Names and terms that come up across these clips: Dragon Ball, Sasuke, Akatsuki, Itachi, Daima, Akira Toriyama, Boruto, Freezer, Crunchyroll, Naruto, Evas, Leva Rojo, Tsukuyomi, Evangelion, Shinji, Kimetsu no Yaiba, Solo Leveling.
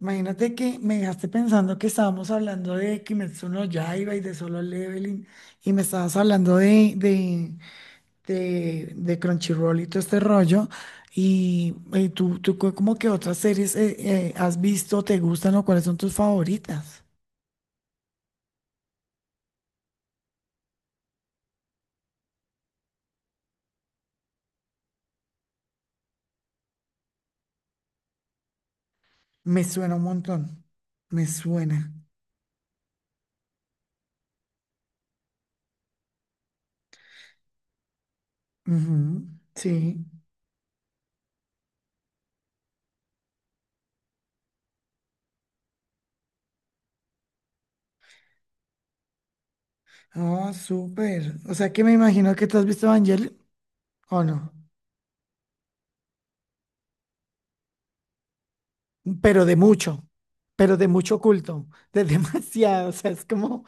Imagínate que me dejaste pensando que estábamos hablando de Kimetsu no Yaiba y de Solo Leveling y me estabas hablando de Crunchyroll y todo este rollo. Y, tú cu- como que otras series has visto, te gustan o cuáles son tus favoritas. Me suena un montón. Me suena. Ujú. Sí. Ah, súper. O sea que me imagino que te has visto Evangelion, ¿o no? Pero de mucho, pero de mucho culto, de demasiado, o sea, es como,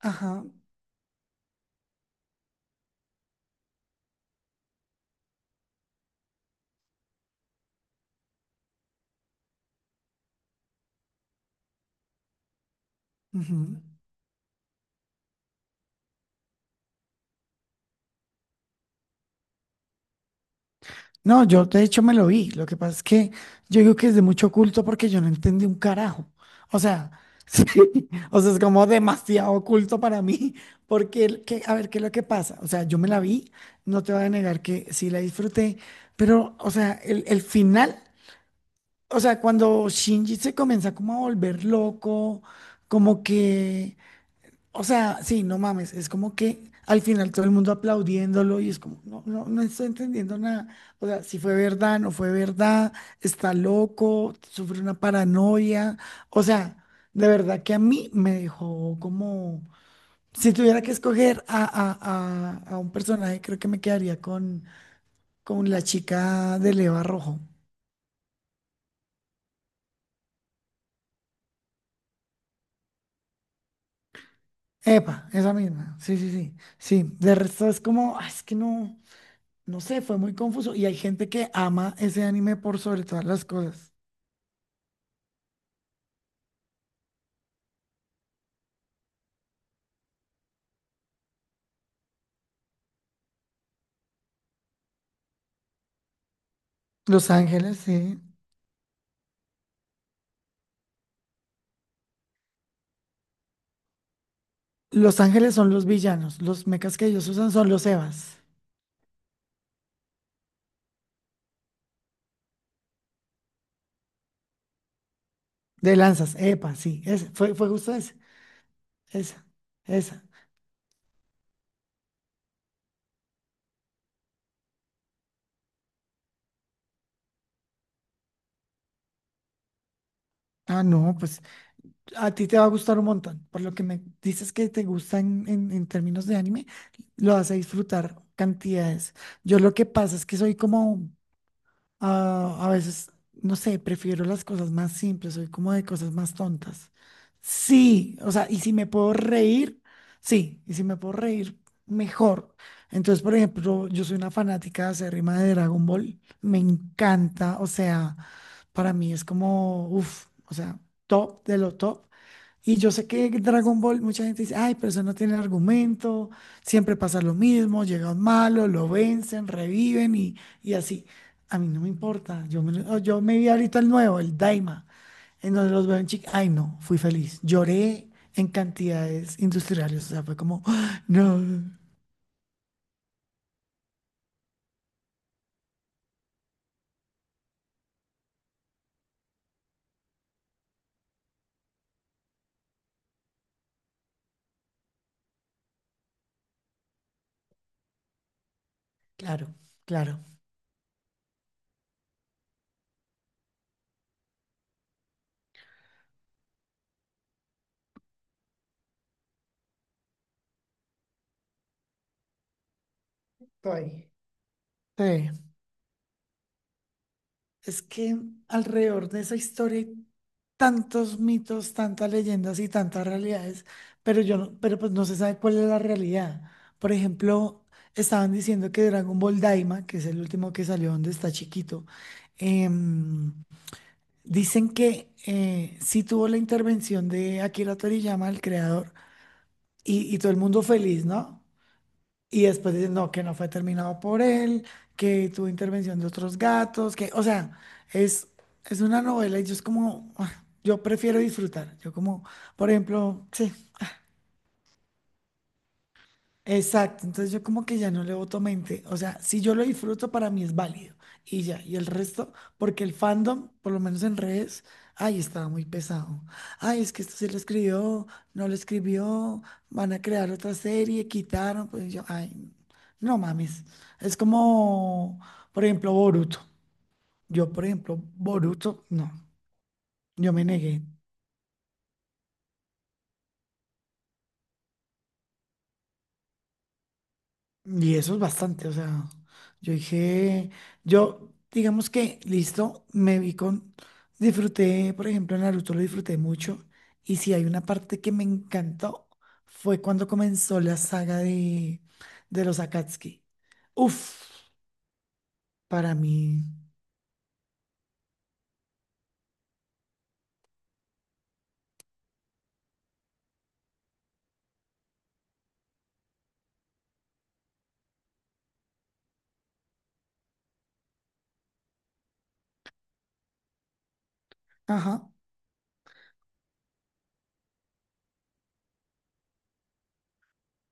ajá, ujú. No, yo de hecho me lo vi, lo que pasa es que yo digo que es de mucho culto porque yo no entendí un carajo, o sea, sí, o sea, es como demasiado oculto para mí, porque, el- que, a ver, ¿qué es lo que pasa? O sea, yo me la vi, no te voy a negar que sí la disfruté, pero, o sea, el final, o sea, cuando Shinji se comienza como a volver loco, como que... O sea, sí, no mames, es como que al final todo el mundo aplaudiéndolo y es como, no, no, no estoy entendiendo nada. O sea, si fue verdad, no fue verdad, está loco, sufre una paranoia. O sea, de verdad que a mí me dejó como, si tuviera que escoger a un personaje, creo que me quedaría con la chica de Leva Rojo. Epa, esa misma, sí, sí, sí, sí. De resto es como, "Ah, es que no. No sé, fue muy confuso." Y hay gente que ama ese anime por sobre todas las cosas. Los ángeles, sí. Los ángeles son los villanos. Los mechas que ellos usan son los Evas. De lanzas. Epa, sí. Ese, fue, fue justo ese. Esa. Esa. Ah, no, pues a ti te va a gustar un montón. Por lo que me dices que te gusta en, en términos de anime, lo vas a disfrutar cantidades. Yo lo que pasa es que soy como. Ah, a veces, no sé, prefiero las cosas más simples, soy como de cosas más tontas. Sí, o sea, y si me puedo reír, sí, y si me puedo reír, mejor. Entonces, por ejemplo, yo soy una fanática acérrima de Dragon Ball, me encanta, o sea, para mí es como, uff, o sea, top de lo top. Y yo sé que Dragon Ball, mucha gente dice, ay, pero eso no tiene argumento, siempre pasa lo mismo, llega un malo, lo vencen, reviven y así. A mí no me importa, yo me, lo- oh, yo me vi ahorita el nuevo, el Daima, en donde los veo en chica, ay no, fui feliz, lloré en cantidades industriales, o sea, fue como, "Ah, no, claro, claro." Estoy. Sí. Es que alrededor de esa historia hay tantos mitos, tantas leyendas y tantas realidades, pero yo no- pero pues no se sabe cuál es la realidad. Por ejemplo, estaban diciendo que Dragon Ball Daima, que es el último que salió donde está chiquito, em, dicen que sí tuvo la intervención de Akira Toriyama, el creador, y todo el mundo feliz, ¿no? Y después dicen, no, que no fue terminado por él, que tuvo intervención de otros gatos, que, o sea, es, es una novela y yo es como, ah, yo prefiero disfrutar. Yo como, por ejemplo, sí. Exacto, entonces yo como que ya no le voto mente, o sea, si yo lo disfruto para mí es válido y ya, y el resto, porque el fandom, por lo menos en redes, ay, estaba muy pesado, ay, es que esto sí lo escribió, no lo escribió, van a crear otra serie, quitaron, pues yo, ay, no mames, es como, por ejemplo, Boruto, yo por ejemplo, Boruto, no, yo me negué. Y eso es bastante, o sea, yo dije, yo, digamos que, listo, me vi con, disfruté, por ejemplo, en Naruto lo disfruté mucho, y si hay una parte que me encantó, fue cuando comenzó la saga de los Akatsuki. Uf, para mí, ajá,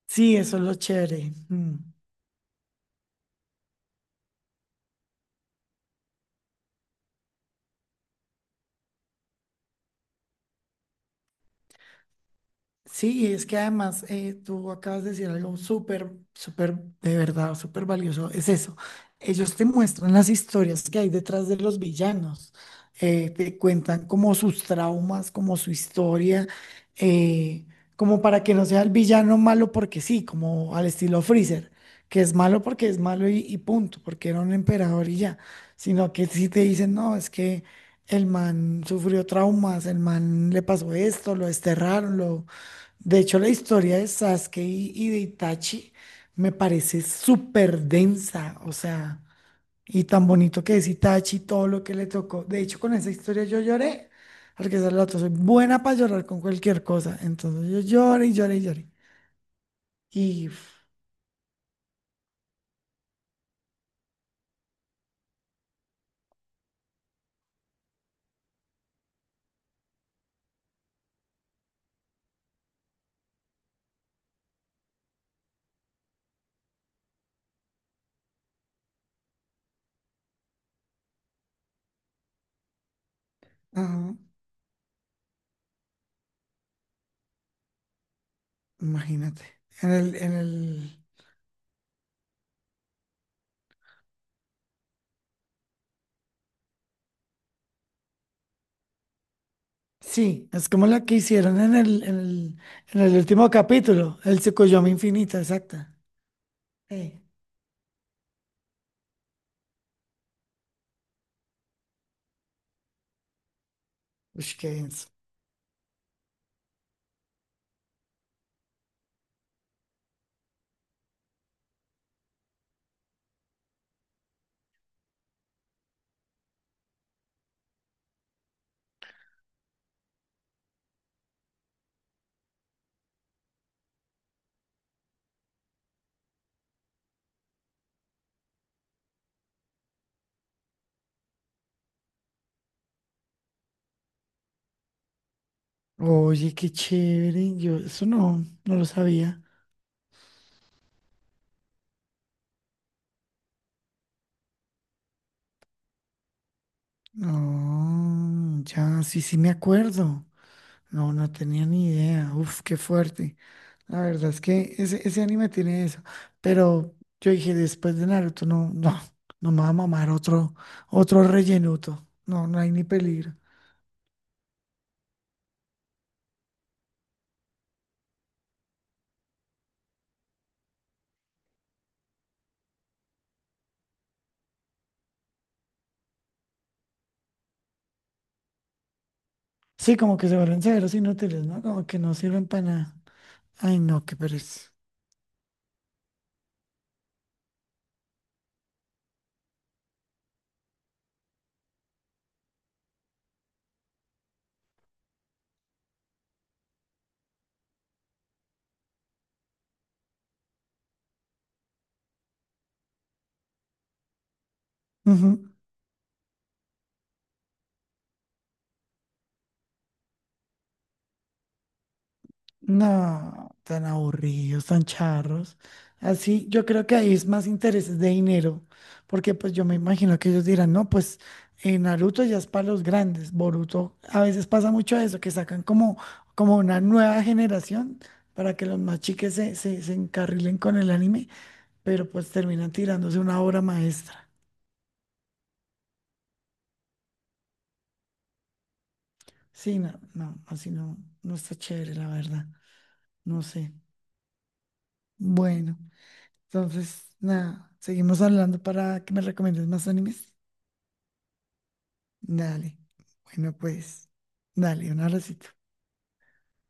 sí, eso es lo chévere. Mm. Sí, y es que además tú acabas de decir algo súper, súper, de verdad, súper valioso. Es eso. Ellos te muestran las historias que hay detrás de los villanos. Te cuentan como sus traumas, como su historia, eh, como para que no sea el villano malo porque sí, como al estilo Freezer, que es malo porque es malo y punto, porque era un emperador y ya. Sino que si te dicen, no, es que el man sufrió traumas, el man le pasó esto, lo desterraron, lo de hecho, la historia de Sasuke y de Itachi me parece súper densa, o sea, y tan bonito que es Itachi, todo lo que le tocó. De hecho, con esa historia yo lloré, porque esa es la otra, soy buena para llorar con cualquier cosa. Entonces yo lloré y lloré y lloré. Y, uf, ajá, imagínate, en el, en el, sí, es como la que hicieron en el último capítulo, el Tsukuyomi infinita, exacta. Sí. Ush, qué denso. Oye, qué chévere. Yo eso no, no lo sabía. No, ya, sí, sí me acuerdo. No, no tenía ni idea. Uf, qué fuerte. La verdad es que ese anime tiene eso. Pero yo dije, después de Naruto, no, no, no me va a mamar otro, otro rellenuto. No, no hay ni peligro. Sí, como que se vuelven severos inútiles, ¿no? Como que no sirven para nada. Ay, no, qué pereza. Ujú. No, tan aburridos, tan charros. Así, yo creo que ahí es más intereses de dinero, porque pues yo me imagino que ellos dirán, no, pues Naruto ya es para los grandes, Boruto, a veces pasa mucho eso, que sacan como, como una nueva generación para que los más chiques se encarrilen con el anime, pero pues terminan tirándose una obra maestra. Sí, no, no, así no, no está chévere, la verdad, no sé. Bueno. Entonces, nada, seguimos hablando para que me recomiendes más animes. Dale. Bueno, pues, dale, un abracito.